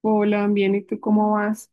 Hola, bien, ¿y tú cómo vas?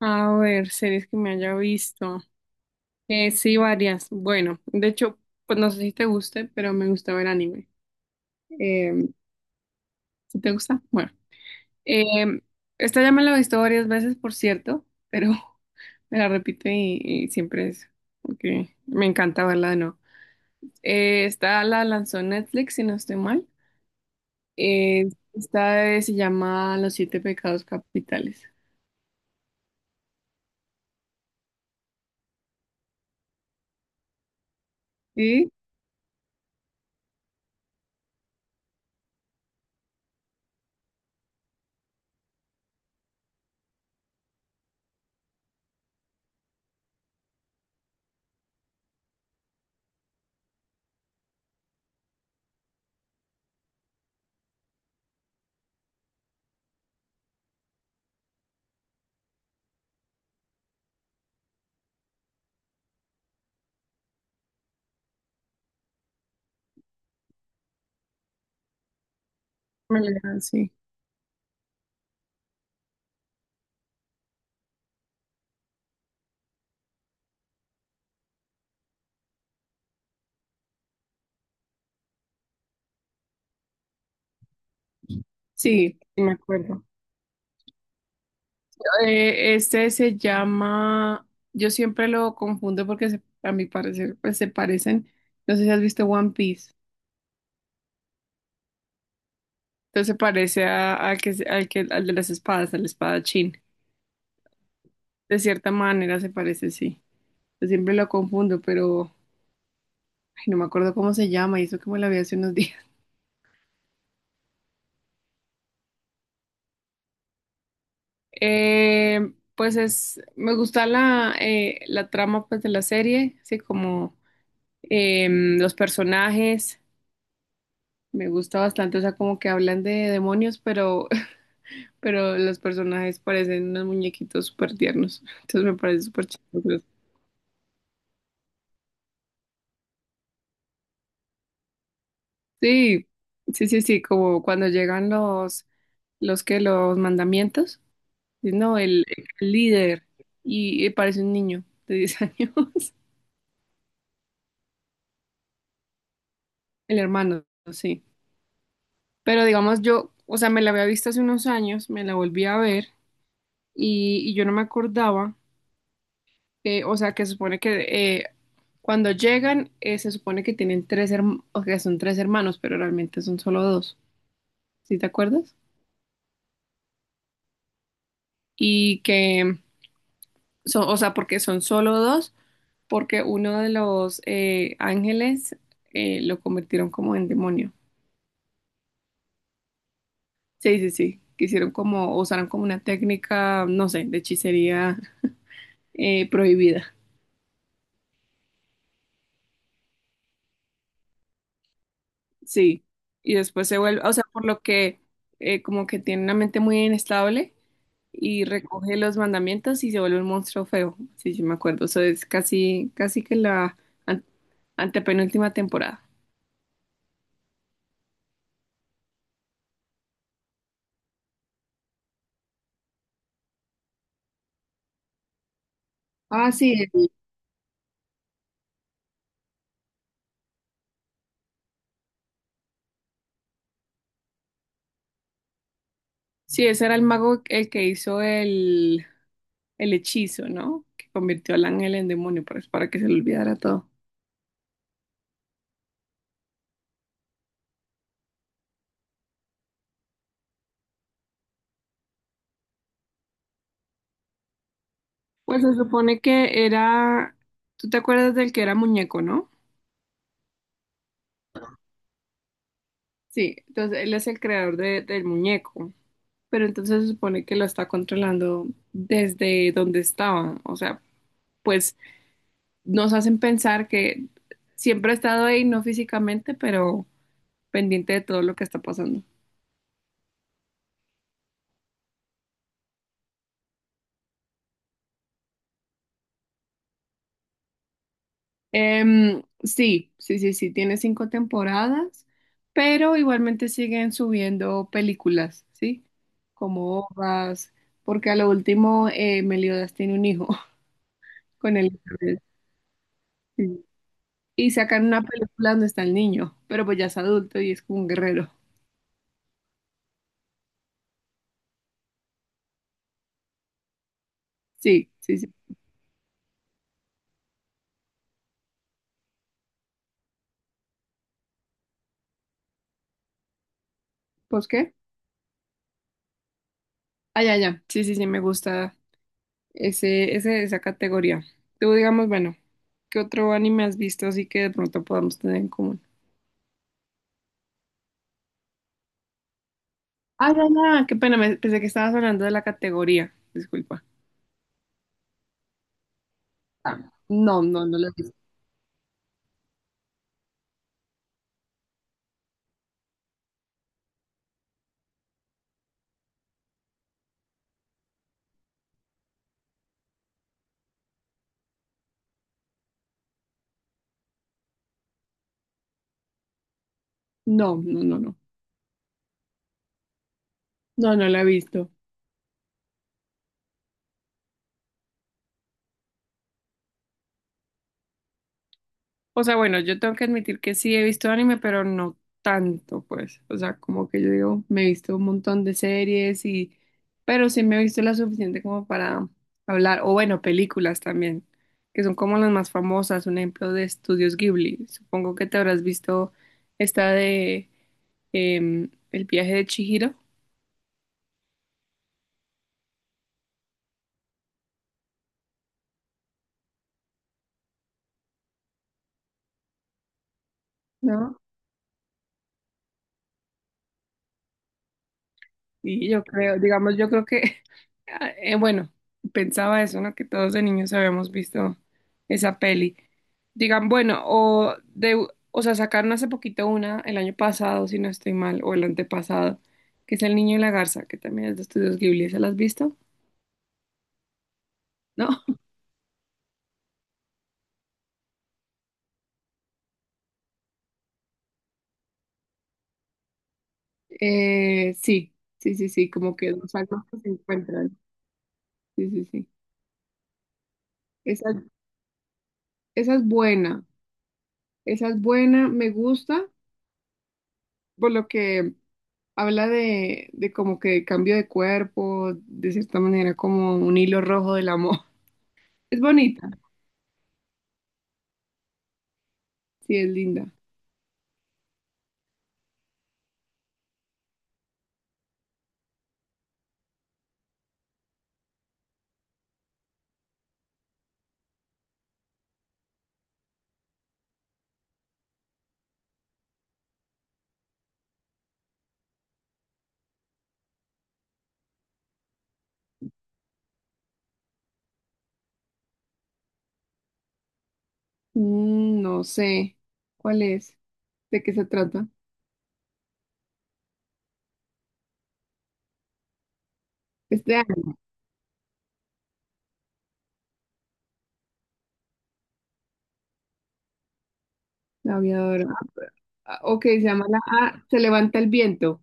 A ver, series que me haya visto. Sí, varias. Bueno, de hecho, pues no sé si te guste, pero me gusta ver anime. Eh, ¿Si te gusta? Bueno. Eh, Esta ya me la he visto varias veces, por cierto, pero me la repito y siempre es porque me encanta verla de nuevo. Esta la lanzó Netflix, si no estoy mal. Esta se llama Los Siete Pecados Capitales. Sí, sí. Sí, me acuerdo. Este se llama, yo siempre lo confundo porque a mi parecer pues se parecen, no sé si has visto One Piece, entonces se parece a, al que, al de las espadas, al espadachín, de cierta manera se parece, sí, yo siempre lo confundo, pero ay, no me acuerdo cómo se llama y eso que me la vi hace unos días. Pues es, me gusta la trama pues de la serie, así como los personajes. Me gusta bastante, o sea, como que hablan de demonios, pero los personajes parecen unos muñequitos súper tiernos. Entonces me parece súper chistoso. Sí, sí, sí, sí, como cuando llegan los, los mandamientos. Sí, no, el líder, y parece un niño de 10 años, el hermano, sí. Pero digamos, yo, o sea, me la había visto hace unos años, me la volví a ver, y yo no me acordaba, o sea, que se supone que eh, cuando llegan, se supone que tienen tres hermanos, o que son tres hermanos, pero realmente son solo dos. ¿Sí te acuerdas? Y que son, o sea, porque son solo dos, porque uno de los ángeles lo convirtieron como en demonio. Sí, sí, sí, que hicieron como, usaron como una técnica, no sé, de hechicería prohibida. Sí, y después se vuelve, o sea, por lo que como que tiene una mente muy inestable y recoge los mandamientos y se vuelve un monstruo feo, sí, sí me acuerdo. Eso es casi, casi que la an- antepenúltima temporada. Ah, sí. Sí, ese era el mago el que hizo el hechizo, ¿no? Que convirtió al ángel en demonio para que se le olvidara todo. Pues se supone que era, tú te acuerdas del que era muñeco, ¿no? Sí, entonces él es el creador del muñeco, pero entonces se supone que lo está controlando desde donde estaba. O sea, pues nos hacen pensar que siempre ha estado ahí, no físicamente, pero pendiente de todo lo que está pasando. Sí, sí, sí, sí, tiene 5 temporadas, pero igualmente siguen subiendo películas, ¿sí? Como Hojas, porque a lo último Meliodas tiene un hijo con el sí. Y sacan una película donde está el niño, pero pues ya es adulto y es como un guerrero. Sí, sí, sí. ¿Pues qué? Ah, ya, ya. Sí, sí, sí, me gusta esa categoría. Tú digamos, bueno, ¿qué otro anime has visto así que de pronto podamos tener en común? Ah, ya, ya, qué pena, pensé que estabas hablando de la categoría. Disculpa. Ah, no, no no la he visto. No, no, no, no. No, no la he visto. O sea, bueno, yo tengo que admitir que sí he visto anime, pero no tanto, pues. O sea, como que yo digo, me he visto un montón de series y... Pero sí me he visto la suficiente como para hablar. O bueno, películas también, que son como las más famosas. Un ejemplo de Estudios Ghibli. Supongo que te habrás visto esta de El viaje de Chihiro, ¿no? Y yo creo, digamos, yo creo que, ah, bueno, pensaba eso, ¿no? Que todos de niños habíamos visto esa peli. Digan, bueno, o de, o sea, sacaron hace poquito una el año pasado, si no estoy mal, o el antepasado, que es El Niño y la Garza, que también es de Estudios Ghibli, ¿se la has visto? ¿No? Sí, sí, sí, sí, como que los almas que se encuentran. Sí, sí, sí. Esa, esa es buena, esa es buena, me gusta, por lo que habla de como que cambio de cuerpo, de cierta manera como un hilo rojo del amor. Es bonita, sí, es linda. Mm, no sé cuál es, de qué se trata. Este de Ana, la aviadora. Ah, ok, se llama la ah, Se levanta el viento.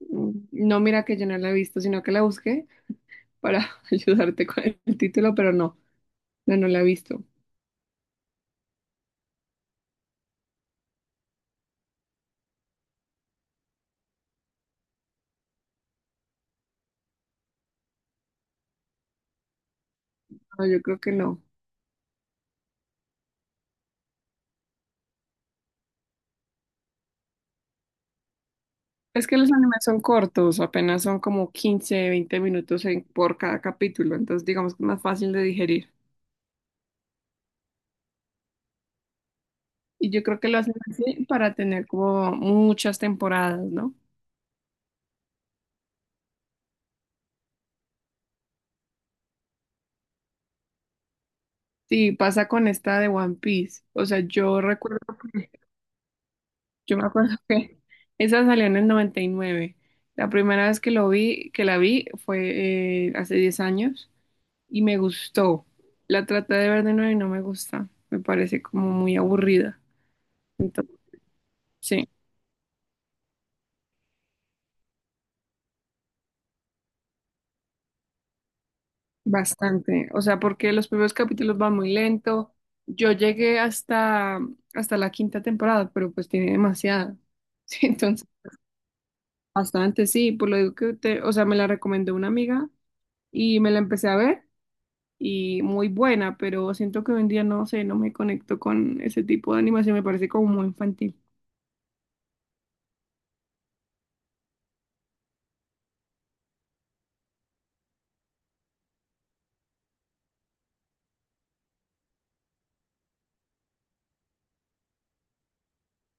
Mm, no, mira que yo no la he visto, sino que la busqué para ayudarte con el título, pero no, no, no la he visto. No, yo creo que no. Es que los animes son cortos, apenas son como 15, 20 minutos por cada capítulo, entonces digamos que es más fácil de digerir. Y yo creo que lo hacen así para tener como muchas temporadas, ¿no? Sí, pasa con esta de One Piece. O sea, yo recuerdo que, yo me acuerdo que esa salió en el 99. La primera vez que lo vi, que la vi fue hace 10 años y me gustó. La traté de ver de nuevo y no me gusta. Me parece como muy aburrida. Entonces, sí. Bastante, o sea, porque los primeros capítulos van muy lento. Yo llegué hasta, hasta la quinta temporada, pero pues tiene demasiada. Sí, entonces, bastante, sí, por lo digo que te, o sea, me la recomendó una amiga y me la empecé a ver y muy buena, pero siento que hoy en día no sé, no me conecto con ese tipo de animación, me parece como muy infantil.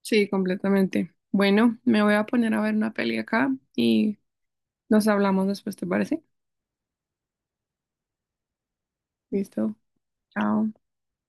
Sí, completamente. Bueno, me voy a poner a ver una peli acá y nos hablamos después, ¿te parece? Listo, chao.